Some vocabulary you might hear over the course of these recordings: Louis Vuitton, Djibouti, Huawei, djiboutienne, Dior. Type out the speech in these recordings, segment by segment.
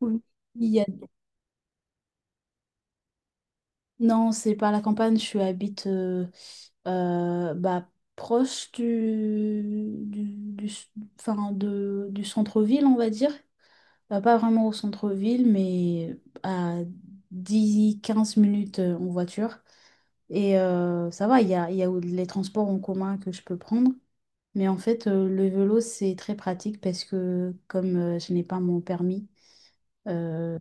Oui, il y a- non, c'est pas la campagne, je habite euh, bah, proche du enfin, du centre-ville, on va dire. Pas vraiment au centre-ville, mais à 10 15 minutes en voiture. Et ça va, il y a les transports en commun que je peux prendre. Mais en fait, le vélo, c'est très pratique parce que comme je n'ai pas mon permis, euh,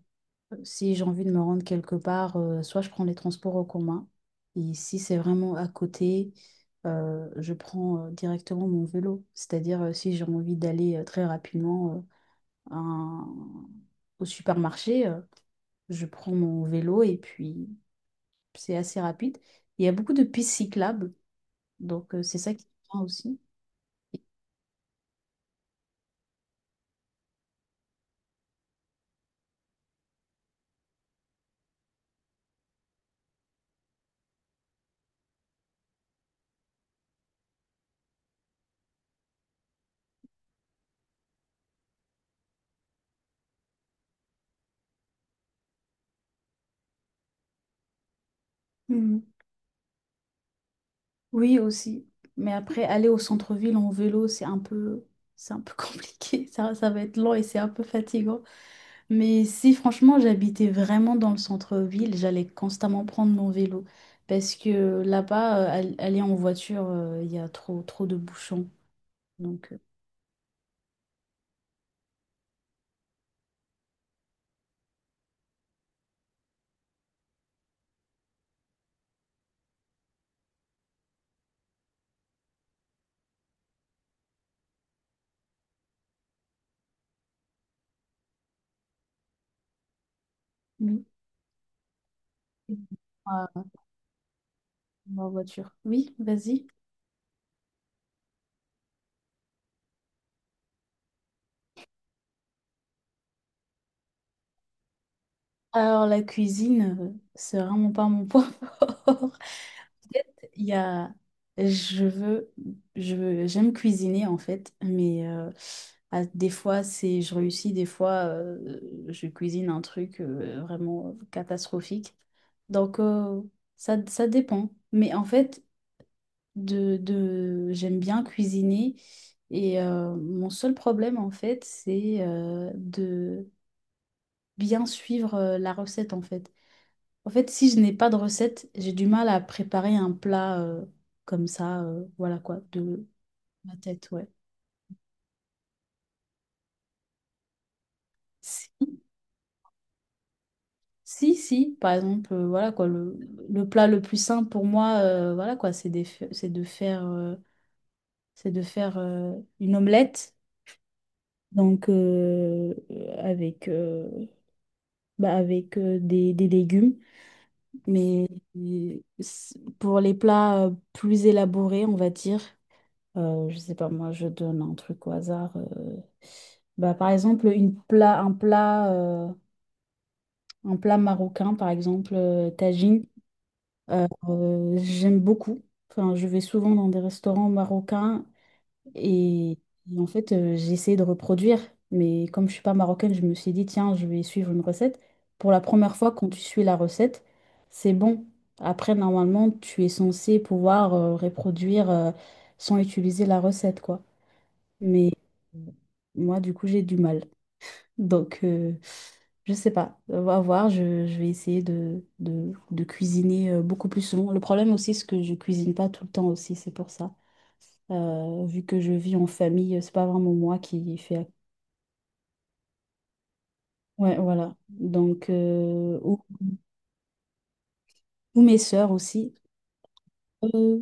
si j'ai envie de me rendre quelque part, soit je prends les transports en commun, et si c'est vraiment à côté, je prends directement mon vélo. C'est-à-dire, si j'ai envie d'aller très rapidement à un- au supermarché, je prends mon vélo et puis c'est assez rapide. Il y a beaucoup de pistes cyclables, donc c'est ça qui est bien aussi. Mhm. Oui, aussi. Mais après, aller au centre-ville en vélo, c'est un peu compliqué. Ça va être lent et c'est un peu fatigant. Mais si franchement j'habitais vraiment dans le centre-ville, j'allais constamment prendre mon vélo. Parce que là-bas, aller en voiture, il y a trop de bouchons. Donc, oui. Ah, en voiture. Oui, vas-y. Alors, la cuisine, c'est vraiment pas mon point fort. fait, il y a, je veux, je veux- j'aime cuisiner en fait, mais des fois c'est, je réussis, des fois je cuisine un truc vraiment catastrophique. Donc ça, ça dépend. Mais en fait, j'aime bien cuisiner et mon seul problème en fait, c'est de bien suivre la recette en fait. En fait, si je n'ai pas de recette, j'ai du mal à préparer un plat comme ça, voilà quoi, de ma tête, ouais. Si, si, si, par exemple, voilà quoi, le plat le plus simple pour moi, voilà quoi, c'est de faire une omelette, donc avec des légumes. Mais pour les plats plus élaborés, on va dire. Je sais pas, moi, je donne un truc au hasard. Bah, par exemple, une plat, un plat, un plat marocain, par exemple, tagine. J'aime beaucoup. Enfin, je vais souvent dans des restaurants marocains et, et en fait, j'ai essayé de reproduire. Mais comme je suis pas marocaine, je me suis dit, tiens, je vais suivre une recette. Pour la première fois, quand tu suis la recette, c'est bon. Après, normalement, tu es censé pouvoir reproduire sans utiliser la recette, quoi. Moi, du coup, j'ai du mal. Donc, je sais pas. On va voir. Je vais essayer de cuisiner beaucoup plus souvent. Le problème aussi, c'est que je cuisine pas tout le temps aussi. C'est pour ça. Vu que je vis en famille, c'est pas vraiment moi qui fais. Ouais, voilà. Donc, ou mes sœurs aussi. Euh,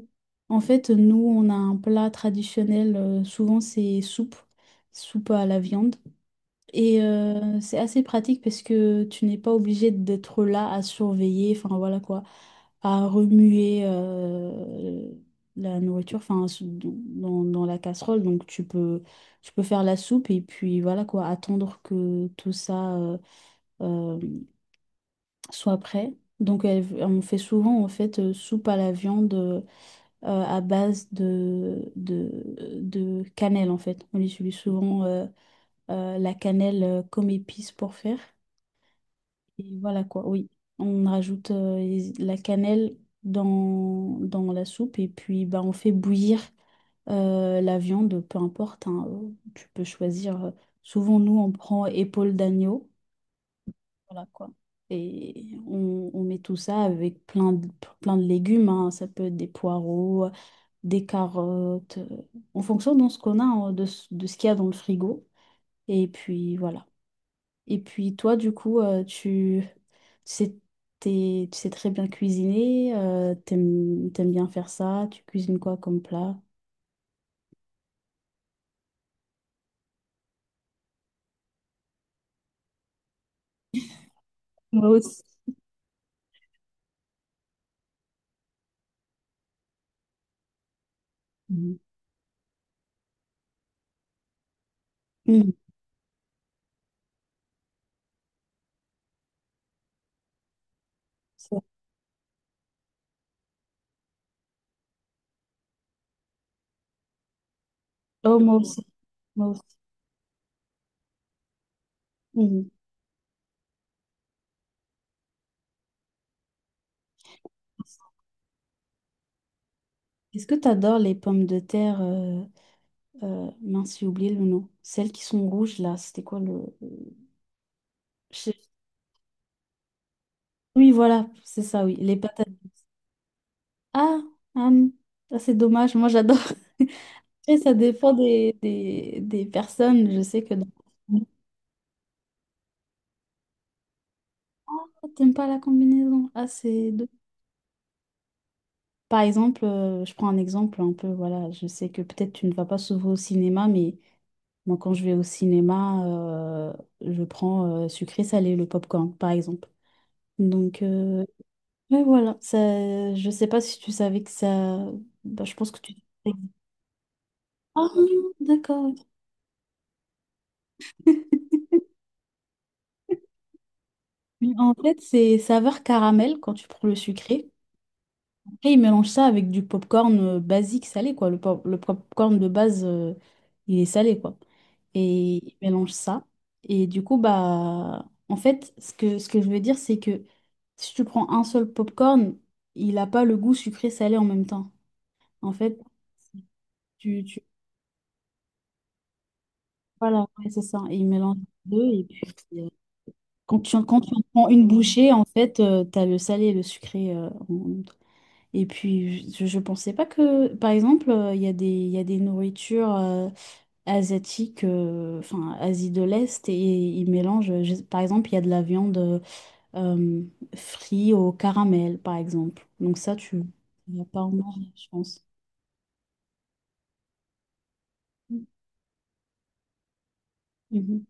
en fait, nous, on a un plat traditionnel. Souvent, c'est soupe. Soupe à la viande. Et c'est assez pratique parce que tu n'es pas obligé d'être là à surveiller, enfin voilà quoi, à remuer la nourriture, dans, dans la casserole. Donc tu peux faire la soupe et puis voilà quoi, attendre que tout ça euh, soit prêt. On fait souvent en fait soupe à la viande à base de cannelle en fait. On utilise souvent la cannelle comme épice pour faire. Et voilà quoi, oui. On rajoute la cannelle dans la soupe et puis bah, on fait bouillir la viande, peu importe. Hein, tu peux choisir. Souvent, nous, on prend épaule d'agneau. Voilà quoi. Et on met tout ça avec plein de légumes. Hein, ça peut être des poireaux, des carottes, en fonction de ce qu'on a, hein, de ce qu'il y a dans le frigo. Et puis voilà. Et puis toi, du coup, tu sais, tu sais très bien cuisiner, t'aimes bien faire ça, tu cuisines quoi comme plat? Moi aussi. Mhm. Mhm. C'est- Oh, moi aussi, moi aussi. Mhm. Est-ce que tu adores les pommes de terre, mince, j'ai oublié le nom, celles qui sont rouges là, c'était quoi le... Je- Oui, voilà, c'est ça, oui, les patates. Douces. Ah, hum, ah, c'est dommage, moi j'adore. Après, ça dépend des personnes. Je sais que dans... Ah, t'aimes pas la combinaison. Ah, c'est deux. Par exemple, je prends un exemple un peu, voilà, je sais que peut-être tu ne vas pas souvent au cinéma, mais moi quand je vais au cinéma, je prends sucré salé, le popcorn, par exemple. Donc, ouais, voilà, ça, je sais pas si tu savais que ça... Bah, je pense que tu... Ah, d'accord. Mais en fait, c'est saveur caramel quand tu prends le sucré. Et ils mélangent ça avec du popcorn basique salé, quoi. Le popcorn de base, il est salé, quoi. Et ils mélangent ça. Et du coup, bah, en fait, ce que je veux dire, c'est que si tu prends un seul popcorn, il n'a pas le goût sucré-salé en même temps. En fait, tu... Voilà, ouais, c'est ça. Et ils mélangent les deux. Et puis, euh, quand tu en prends une bouchée, en fait, tu as le salé et le sucré. Et puis, je pensais pas que, par exemple, il y a des nourritures asiatiques, enfin, Asie de l'Est, et ils mélangent, par exemple, il y a de la viande euh, frite au caramel, par exemple. Donc ça, tu vas pas en manger, je pense. Mhm.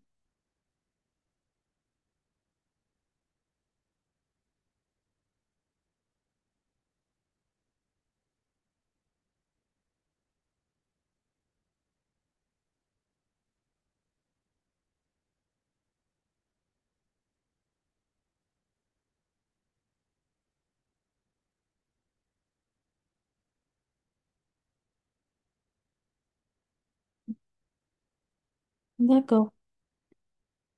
D'accord.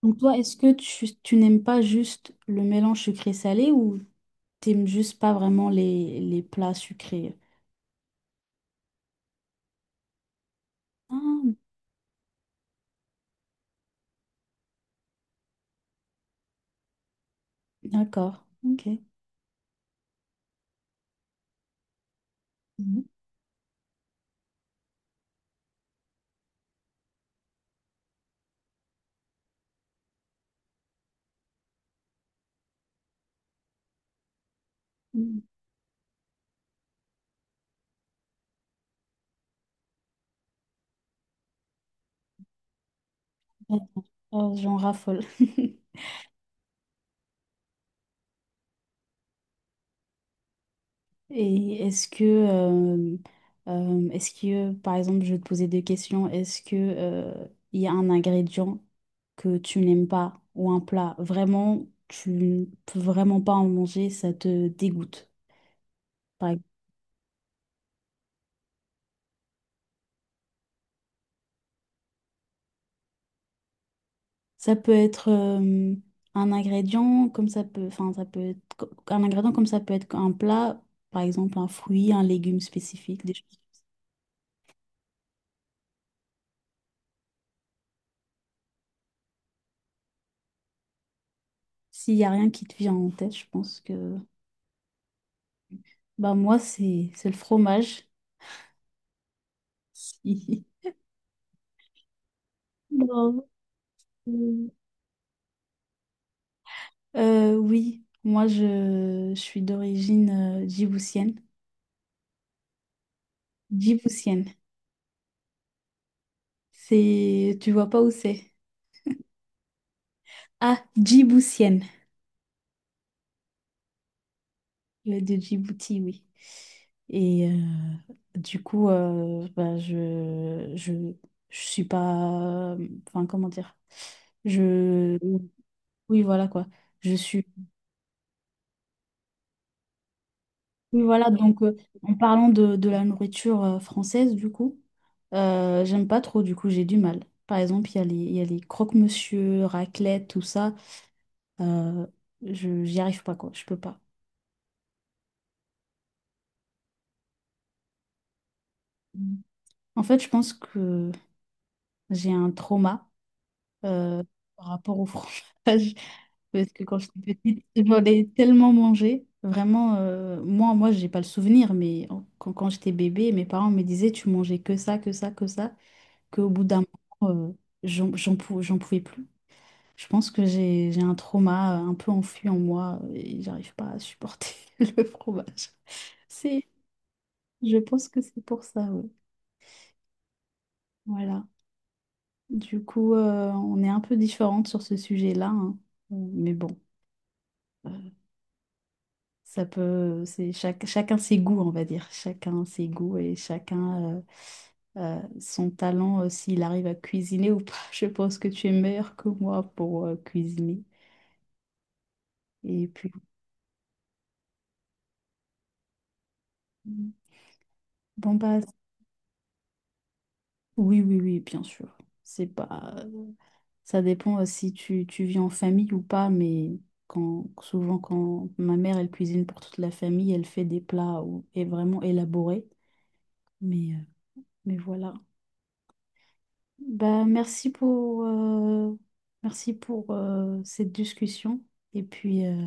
Donc toi, est-ce que tu n'aimes pas juste le mélange sucré-salé ou t'aimes juste pas vraiment les plats sucrés? Ah, d'accord. Ok. Mhm. Euh, j'en raffole. Et est-ce que, par exemple, je vais te poser deux questions. Est-ce que, il y a un ingrédient que tu n'aimes pas ou un plat vraiment, tu ne peux vraiment pas en manger, ça te dégoûte, par exemple. Ça peut être un ingrédient comme ça peut, un ingrédient comme ça peut être un plat, par exemple, un fruit, un légume spécifique, des choses. S'il y a rien qui te vient en tête, je pense que bah moi, c'est le fromage. Si. Non. Oui, moi, je suis d'origine djiboutienne. Djiboutienne. C'est... Tu vois pas où c'est? Ah, djiboutienne. De Djibouti, oui. Et du coup, je suis pas... Enfin, comment dire? Je... Oui, voilà quoi. Je suis... Oui, voilà, donc en parlant de la nourriture française, du coup, j'aime pas trop, du coup, j'ai du mal. Par exemple, il y a les croque-monsieur, raclette, tout ça. euh, J'y arrive pas, quoi, je peux pas. Mm. En fait, je pense que j'ai un trauma euh, par rapport au fromage. Parce que quand j'étais petite, j'en ai tellement mangé. Vraiment, moi, j'ai pas le souvenir, quand j'étais bébé, mes parents me disaient, tu mangeais que ça, que ça, que ça. Qu'au bout d'un moment, j'en pouvais plus. Je pense que j'ai un trauma un peu enfui en moi et j'arrive pas à supporter le fromage. C'est, je pense que c'est pour ça, ouais. Voilà. Du coup, on est un peu différentes sur ce sujet-là, hein. Mais bon, euh, c'est chacun ses goûts, on va dire. Chacun ses goûts et chacun son talent, s'il arrive à cuisiner ou pas. Je pense que tu es meilleur que moi pour cuisiner. Et puis mm. Bon, bah, oui, oui, oui, bien sûr. C'est pas... Ça dépend si tu, tu vis en famille ou pas, mais souvent, quand ma mère, elle cuisine pour toute la famille, elle fait et vraiment élaborés. Mais, euh, mais voilà. Bah, merci pour, euh, Merci pour cette discussion. Et puis,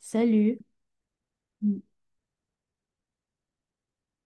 salut!